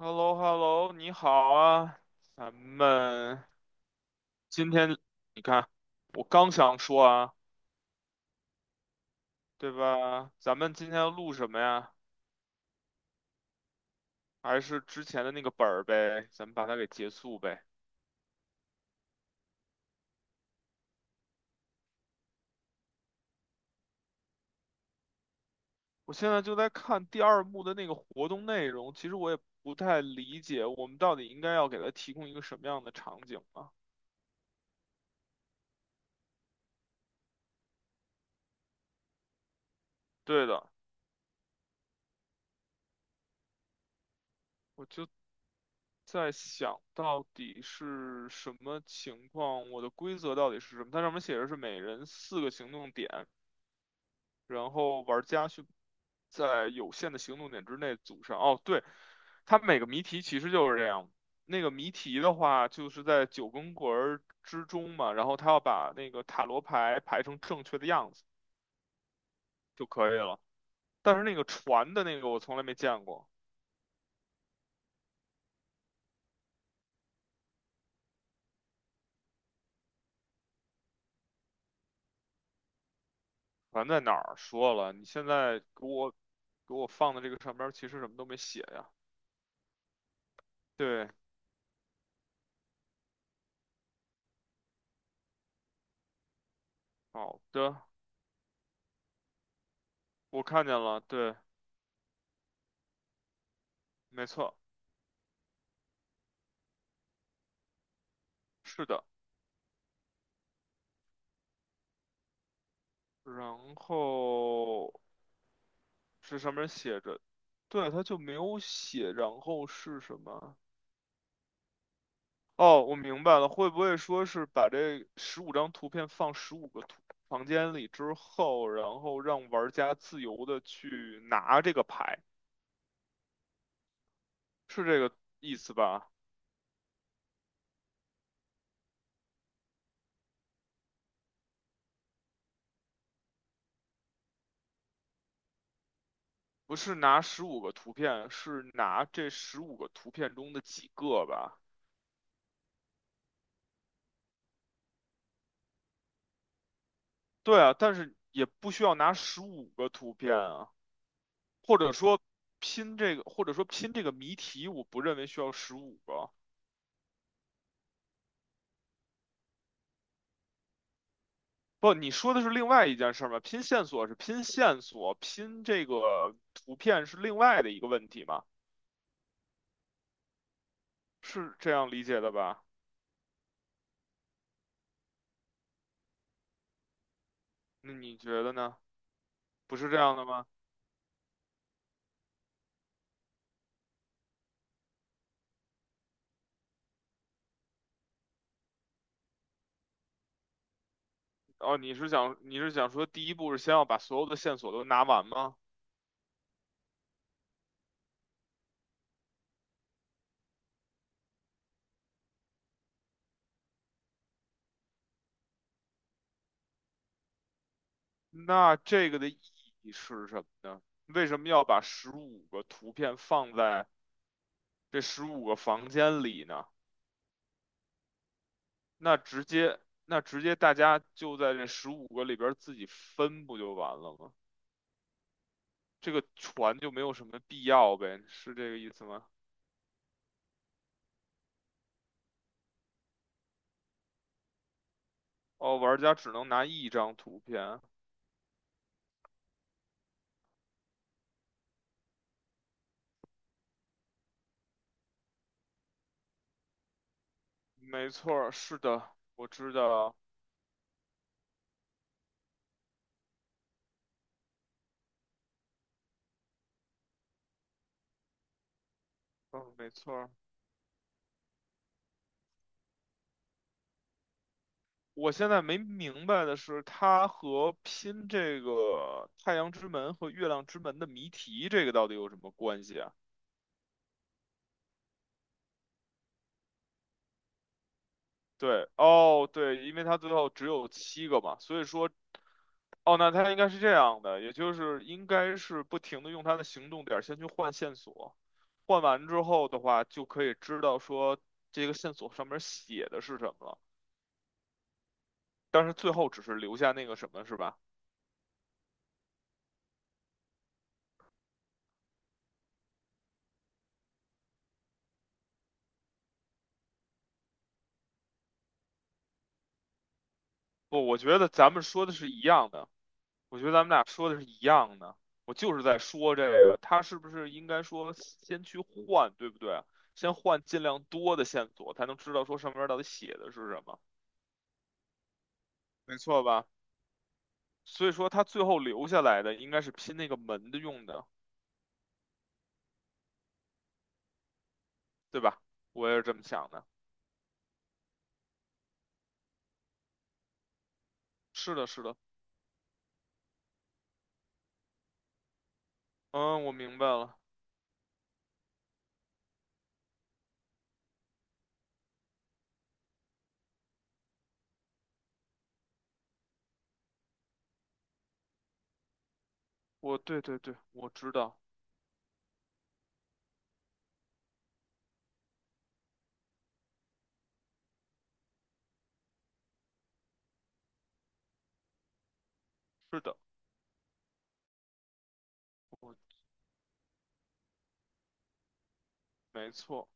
h e l l o h e l l o 你好啊，咱们今天你看，我刚想说啊，对吧？咱们今天要录什么呀？还是之前的那个本儿呗，咱们把它给结束呗。我现在就在看第二幕的那个活动内容，其实我也不太理解，我们到底应该要给它提供一个什么样的场景啊？对的，我就在想到底是什么情况，我的规则到底是什么？它上面写着是每人4个行动点。然后玩家去在有限的行动点之内组上。哦，对，它每个谜题其实就是这样。那个谜题的话，就是在九宫格儿之中嘛，然后他要把那个塔罗牌排成正确的样子就可以了。但是那个船的那个我从来没见过，船在哪儿？说了，你现在给我给我放的这个上边儿其实什么都没写呀。对，好的，我看见了，对，没错，是的。然后是上面写着，对，它就没有写，然后是什么？哦，我明白了，会不会说是把这15张图片放十五个图房间里之后，然后让玩家自由的去拿这个牌，是这个意思吧？不是拿十五个图片，是拿这十五个图片中的几个吧？对啊，但是也不需要拿十五个图片啊，或者说拼这个，或者说拼这个谜题，我不认为需要十五个。不，你说的是另外一件事儿吗？拼线索是拼线索，拼这个图片是另外的一个问题吗？是这样理解的吧？那你觉得呢？不是这样的吗？哦，你是想说第一步是先要把所有的线索都拿完吗？那这个的意义是什么呢？为什么要把十五个图片放在这15个房间里呢？那直接那直接大家就在这十五个里边儿自己分不就完了吗？这个船就没有什么必要呗，是这个意思吗？哦，玩家只能拿一张图片，没错儿是的，我知道，嗯，没错儿我现在没明白的是，它和拼这个太阳之门和月亮之门的谜题，这个到底有什么关系？啊？对，哦，对，因为他最后只有7个嘛，所以说，哦，那他应该是这样的，也就是应该是不停的用他的行动点儿先去换线索，换完之后的话，就可以知道说这个线索上面写的是什么了，但是最后只是留下那个什么，是吧？不，我觉得咱们说的是一样的。我觉得咱们俩说的是一样的，我就是在说这个，他是不是应该说先去换，对不对啊？先换尽量多的线索，才能知道说上面到底写的是什么，没错吧？所以说他最后留下来的应该是拼那个门的用的，对吧？我也是这么想的。是的，是的，嗯，我明白了，我对对对，我知道，是的，我没错。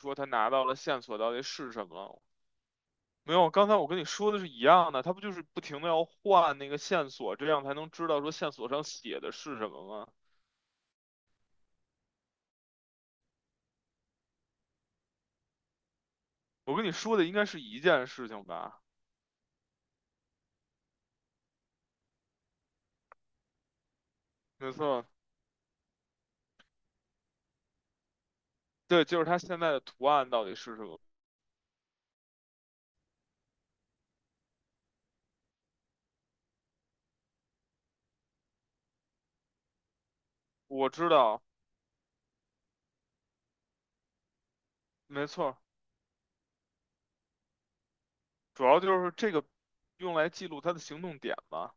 说他拿到了线索到底是什么了没有，刚才我跟你说的是一样的，他不就是不停的要换那个线索，这样才能知道说线索上写的是什么吗？我跟你说的应该是一件事情吧？没错，对，就是他现在的图案到底是什么？我知道，没错，主要就是这个用来记录他的行动点吧？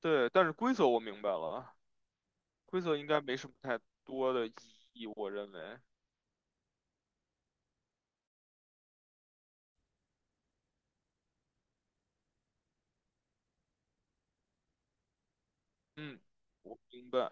对，但是规则我明白了，规则应该没什么太多的意义，我认为。嗯，我明白。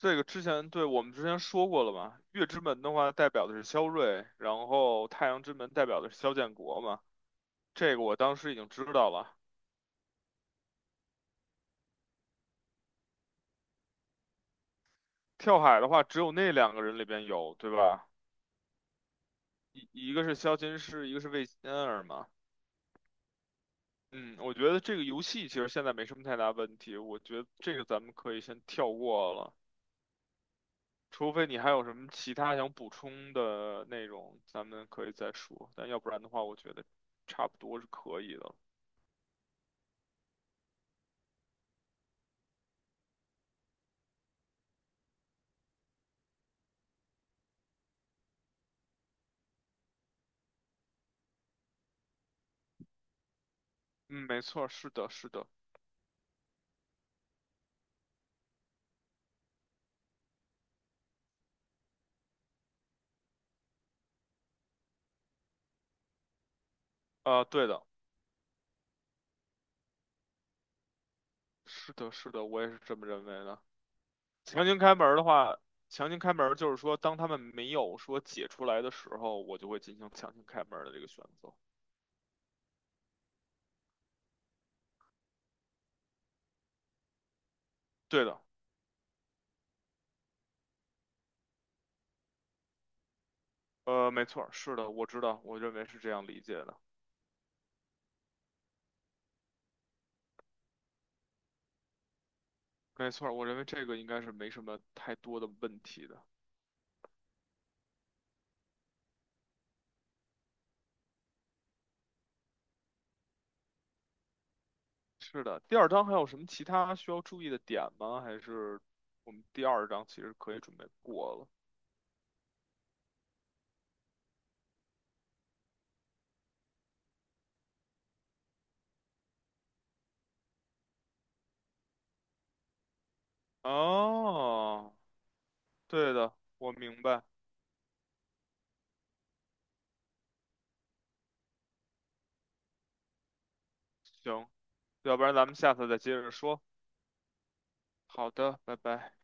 这个之前对我们之前说过了嘛，月之门的话代表的是萧睿，然后太阳之门代表的是萧建国嘛，这个我当时已经知道了。跳海的话，只有那两个人里边有，对吧？一个是萧金师，一个是魏仙儿嘛。嗯，我觉得这个游戏其实现在没什么太大问题，我觉得这个咱们可以先跳过了，除非你还有什么其他想补充的内容，咱们可以再说。但要不然的话，我觉得差不多是可以的嗯，没错，是的，是的。啊，对的，是的，是的，我也是这么认为的。强行开门儿的话，强行开门儿就是说，当他们没有说解出来的时候，我就会进行强行开门儿的这个选择。对的，没错儿是的，我知道，我认为是这样理解的。没错儿我认为这个应该是没什么太多的问题的。是的，第二章还有什么其他需要注意的点吗？还是我们第二章其实可以准备过了？哦，对的，我明白。行，要不然咱们下次再接着说。好的，拜拜。